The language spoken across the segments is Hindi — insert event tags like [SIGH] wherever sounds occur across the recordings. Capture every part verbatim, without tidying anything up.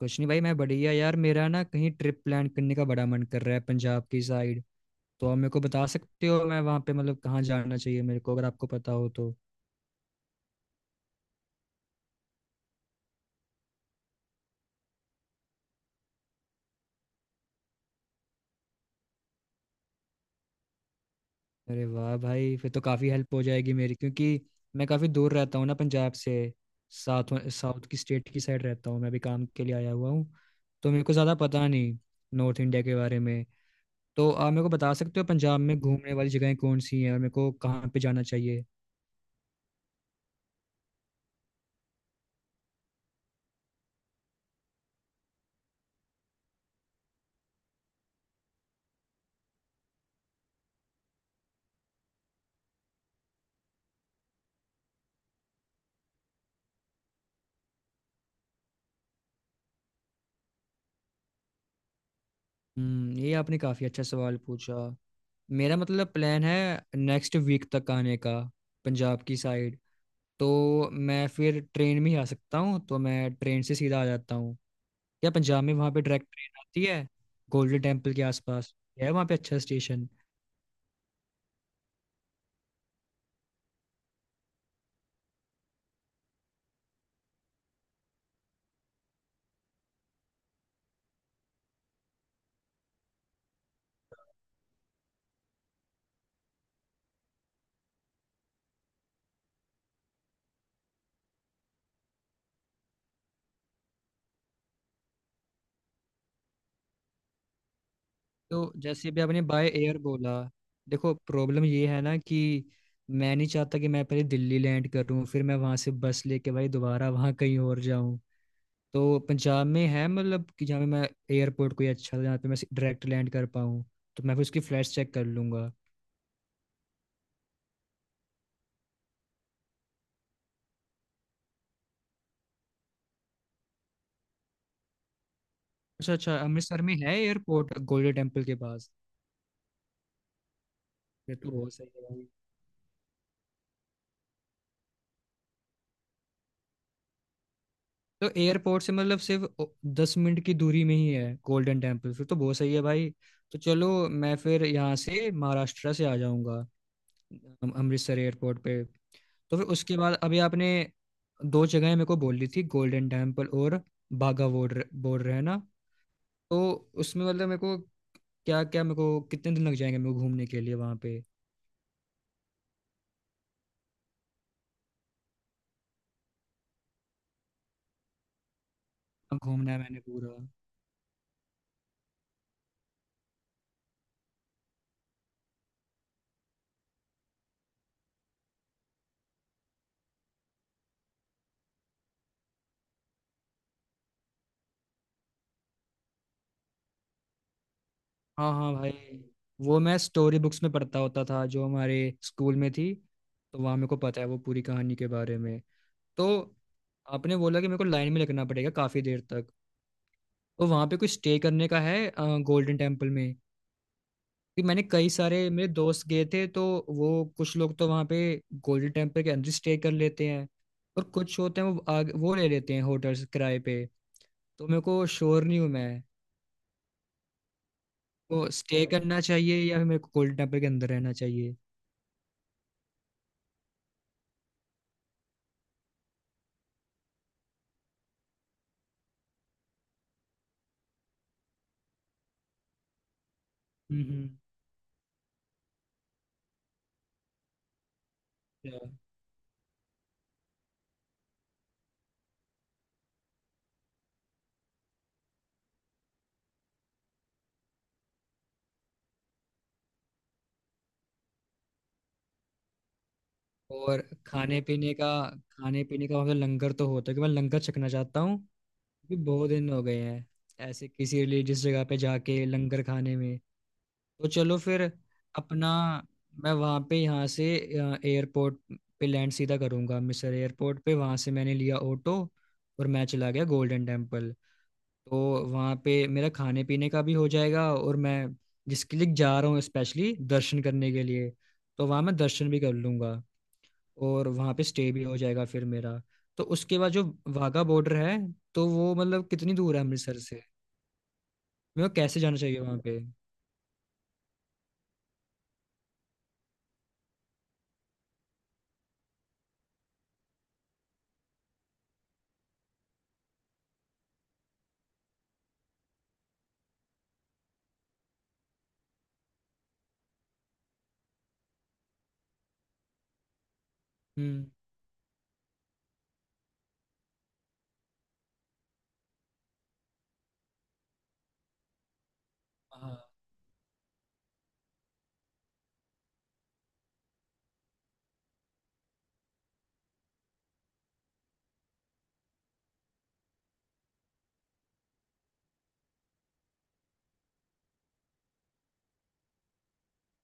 कुछ नहीं भाई, मैं बढ़िया यार। मेरा ना कहीं ट्रिप प्लान करने का बड़ा मन कर रहा है पंजाब की साइड। तो आप मेरे को बता सकते हो मैं वहाँ पे मतलब कहाँ जाना चाहिए मेरे को, अगर आपको पता हो तो। अरे वाह भाई, फिर तो काफ़ी हेल्प हो जाएगी मेरी, क्योंकि मैं काफ़ी दूर रहता हूँ ना पंजाब से। साउथ, साउथ की स्टेट की साइड रहता हूँ, मैं भी काम के लिए आया हुआ हूँ। तो मेरे को ज़्यादा पता नहीं नॉर्थ इंडिया के बारे में। तो आप मेरे को बता सकते हो पंजाब में घूमने वाली जगहें कौन सी हैं और मेरे को कहाँ पे जाना चाहिए। हम्म, ये आपने काफ़ी अच्छा सवाल पूछा। मेरा मतलब प्लान है नेक्स्ट वीक तक आने का पंजाब की साइड। तो मैं फिर ट्रेन में ही आ सकता हूँ, तो मैं ट्रेन से सीधा आ जाता हूँ। या पंजाब में वहाँ पे डायरेक्ट ट्रेन आती है गोल्डन टेम्पल के आसपास, है वहाँ पे अच्छा स्टेशन? तो जैसे भी आपने बाय एयर बोला, देखो प्रॉब्लम ये है ना कि मैं नहीं चाहता कि मैं पहले दिल्ली लैंड करूँ फिर मैं वहाँ से बस लेके भाई दोबारा वहाँ कहीं और जाऊँ। तो पंजाब में है मतलब कि जहाँ पे मैं एयरपोर्ट कोई अच्छा जहाँ पे मैं डायरेक्ट लैंड कर पाऊँ? तो मैं फिर उसकी फ्लाइट्स चेक कर लूंगा। अच्छा अच्छा, अमृतसर में है एयरपोर्ट गोल्डन टेम्पल के पास। ये तो बहुत सही है भाई। तो एयरपोर्ट से मतलब सिर्फ ओ- दस मिनट की दूरी में ही है गोल्डन टेम्पल? फिर तो बहुत सही है भाई। तो चलो, मैं फिर यहाँ से महाराष्ट्र से आ जाऊँगा अम- अमृतसर एयरपोर्ट पे। तो फिर उसके बाद अभी आपने दो जगह मेरे को बोली थी, गोल्डन टेम्पल और बाघा बॉर्डर, बॉर्डर है ना? तो उसमें मतलब मेरे को, क्या क्या मेरे को कितने दिन लग जाएंगे मेरे को घूमने के लिए वहां पे? अब घूमना है मैंने पूरा। हाँ हाँ भाई, वो मैं स्टोरी बुक्स में पढ़ता होता था जो हमारे स्कूल में थी। तो वहाँ मेरे को पता है वो पूरी कहानी के बारे में। तो आपने बोला कि मेरे को लाइन में लगना पड़ेगा काफ़ी देर तक। तो वहाँ पे कुछ स्टे करने का है गोल्डन टेम्पल में कि, मैंने कई सारे मेरे दोस्त गए थे तो वो, कुछ लोग तो वहाँ पे गोल्डन टेम्पल के अंदर स्टे कर लेते हैं, और कुछ होते हैं वो आग, वो ले लेते हैं होटल्स किराए पे। तो मेरे को श्योर नहीं हूँ मैं को स्टे करना चाहिए या मेरे को कोल्ड टेम्पर के अंदर रहना चाहिए। हम्म, अच्छा। और खाने पीने का, खाने पीने का वहाँ पे लंगर तो होता है कि, मैं लंगर चखना चाहता हूँ क्योंकि बहुत दिन हो गए हैं ऐसे किसी रिलीजियस जगह पे जाके लंगर खाने में। तो चलो फिर अपना, मैं वहाँ पे यहाँ से एयरपोर्ट पे लैंड सीधा करूँगा मिसर एयरपोर्ट पे, वहाँ से मैंने लिया ऑटो और मैं चला गया गोल्डन टेम्पल। तो वहाँ पे मेरा खाने पीने का भी हो जाएगा और मैं जिसके लिए जा रहा हूँ स्पेशली दर्शन करने के लिए, तो वहाँ मैं दर्शन भी कर लूँगा और वहाँ पे स्टे भी हो जाएगा फिर मेरा। तो उसके बाद जो वाघा बॉर्डर है, तो वो मतलब कितनी दूर है अमृतसर से? मेरे को कैसे जाना चाहिए वहाँ पे? हम्म। हाँ।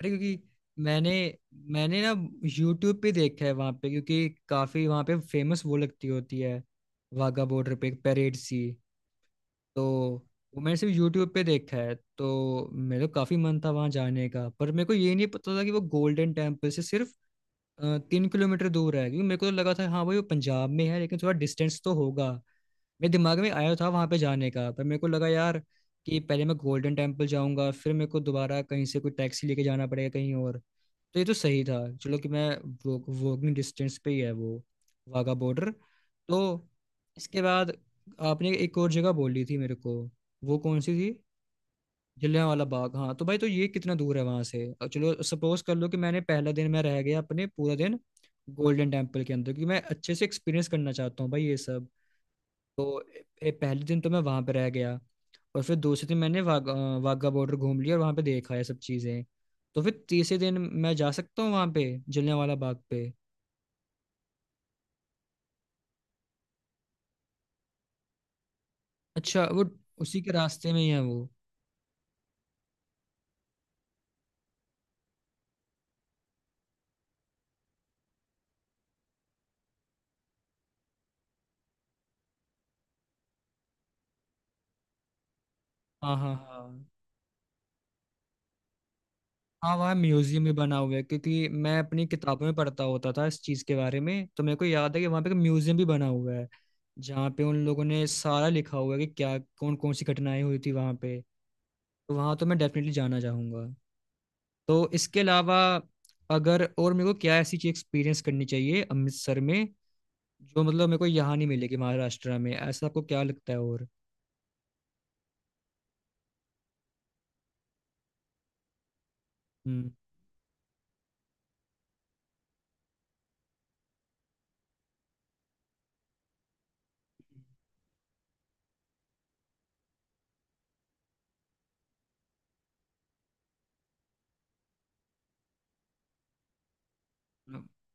अरे क्योंकि मैंने मैंने ना यूट्यूब पे देखा है वहाँ पे क्योंकि काफ़ी वहाँ पे फेमस वो लगती होती है वाघा बॉर्डर पे, एक परेड सी। तो वो मैंने सिर्फ यूट्यूब पे देखा है, तो मेरा काफी मन था वहां जाने का, पर मेरे को ये नहीं पता था कि वो गोल्डन टेम्पल से सिर्फ अ, तीन किलोमीटर दूर है, क्योंकि मेरे को तो लगा था हाँ भाई वो पंजाब में है लेकिन थोड़ा डिस्टेंस तो होगा। मेरे दिमाग में आया था वहां पे जाने का, पर मेरे को लगा यार कि पहले मैं गोल्डन टेम्पल जाऊंगा फिर मेरे को दोबारा कहीं से कोई टैक्सी लेके जाना पड़ेगा कहीं और। तो ये तो सही था, चलो, कि मैं वो, वॉकिंग डिस्टेंस पे ही है वो वाघा बॉर्डर तो। इसके बाद आपने एक और जगह बोली थी मेरे को, वो कौन सी थी? जलियांवाला बाग। हाँ तो भाई, तो ये कितना दूर है वहां से? और चलो सपोज कर लो कि मैंने पहला दिन मैं रह गया अपने पूरा दिन गोल्डन टेम्पल के अंदर क्योंकि मैं अच्छे से एक्सपीरियंस करना चाहता हूँ भाई ये सब। तो ए, पहले दिन तो मैं वहां पे रह गया, और फिर दूसरे दिन मैंने वाघा वाघा बॉर्डर घूम लिया और वहां पे देखा ये सब चीजें। तो फिर तीसरे दिन मैं जा सकता हूँ वहां पे जलियांवाला बाग पे। अच्छा, वो उसी के रास्ते में ही है वो? हाँ हाँ हाँ। हाँ वहाँ म्यूजियम भी बना हुआ है क्योंकि मैं अपनी किताबों में पढ़ता होता था इस चीज के बारे में, तो मेरे को याद है कि वहाँ पे एक म्यूजियम भी बना हुआ है जहाँ पे उन लोगों ने सारा लिखा हुआ है कि क्या, कौन कौन सी घटनाएं हुई थी वहाँ पे। तो वहाँ तो मैं डेफिनेटली जाना चाहूंगा। तो इसके अलावा अगर और मेरे को क्या ऐसी चीज एक्सपीरियंस करनी चाहिए अमृतसर में जो मतलब मेरे को यहाँ नहीं मिलेगी महाराष्ट्र में, ऐसा आपको क्या लगता है? और हम्म,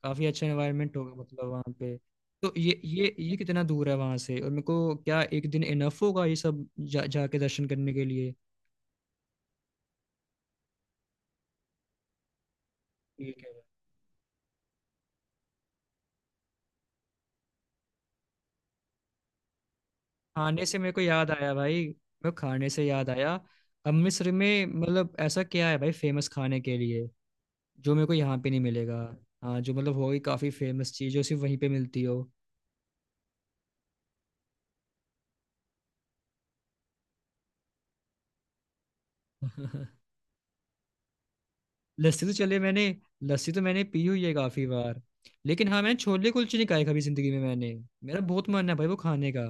काफी अच्छा एनवायरनमेंट होगा मतलब वहाँ पे? तो ये ये ये कितना दूर है वहाँ से और मेरे को क्या एक दिन इनफ होगा ये सब जा जाके दर्शन करने के लिए? ठीक है। खाने से मेरे को याद आया भाई, मेरे को खाने से याद आया। अमृतसर में मतलब ऐसा क्या है भाई फेमस खाने के लिए जो मेरे को यहाँ पे नहीं मिलेगा? हाँ, जो मतलब होगी काफी फेमस चीज जो सिर्फ वहीं पे मिलती हो। [LAUGHS] लस्सी तो चले मैंने, लस्सी तो मैंने पी हुई है काफी बार, लेकिन हाँ मैंने छोले कुलचे नहीं खाए कभी जिंदगी में मैंने। मेरा बहुत मन है भाई वो खाने का।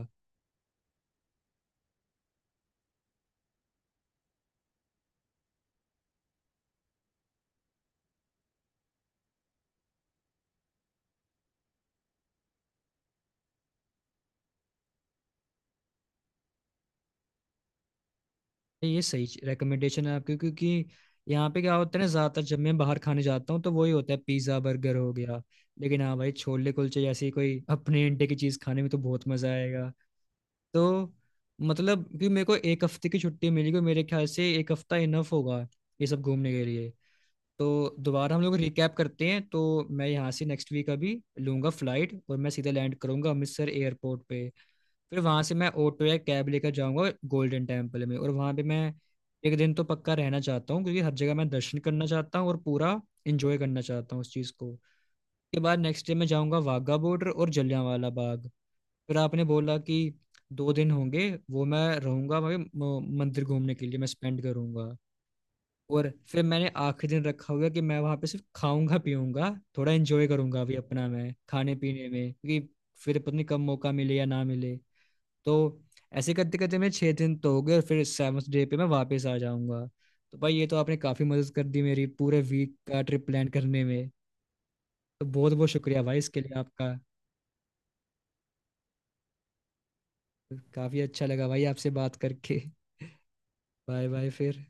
ये सही रिकमेंडेशन है आपकी क्योंकि यहाँ पे क्या होता है ना, ज्यादातर जब मैं बाहर खाने जाता हूँ तो वही होता है, पिज्जा बर्गर हो गया। लेकिन हाँ भाई छोले कुलचे जैसी कोई अपने इंडिया की चीज खाने में तो बहुत मजा आएगा। तो मतलब कि मेरे को एक हफ्ते की छुट्टी मिली हुई, मेरे ख्याल से एक हफ्ता इनफ होगा ये सब घूमने के लिए। तो दोबारा हम लोग रिकैप करते हैं तो, मैं यहाँ से नेक्स्ट वीक अभी लूंगा फ्लाइट, और मैं सीधा लैंड करूंगा अमृतसर एयरपोर्ट पे। फिर वहाँ से मैं ऑटो या कैब लेकर जाऊंगा गोल्डन टेम्पल में, और वहाँ पे मैं एक दिन तो पक्का रहना चाहता हूँ क्योंकि हर जगह मैं दर्शन करना चाहता हूँ और पूरा इंजॉय करना चाहता हूँ उस चीज़ को। उसके बाद नेक्स्ट डे मैं जाऊँगा वाघा बॉर्डर और जलियांवाला बाग। फिर आपने बोला कि दो दिन होंगे वो मैं रहूंगा भाई म- मंदिर घूमने के लिए मैं स्पेंड करूंगा। और फिर मैंने आखिरी दिन रखा हुआ कि मैं वहां पे सिर्फ खाऊंगा पीऊंगा, थोड़ा एंजॉय करूंगा अभी अपना मैं खाने पीने में क्योंकि फिर पता नहीं कब मौका मिले या ना मिले। तो ऐसे करते करते मेरे छह दिन तो हो गए और फिर सेवन्थ डे पे मैं वापस आ जाऊंगा। तो भाई ये तो आपने काफी मदद कर दी मेरी पूरे वीक का ट्रिप प्लान करने में। तो बहुत बहुत शुक्रिया भाई इसके लिए आपका। काफी अच्छा लगा भाई आपसे बात करके। [LAUGHS] बाय बाय फिर।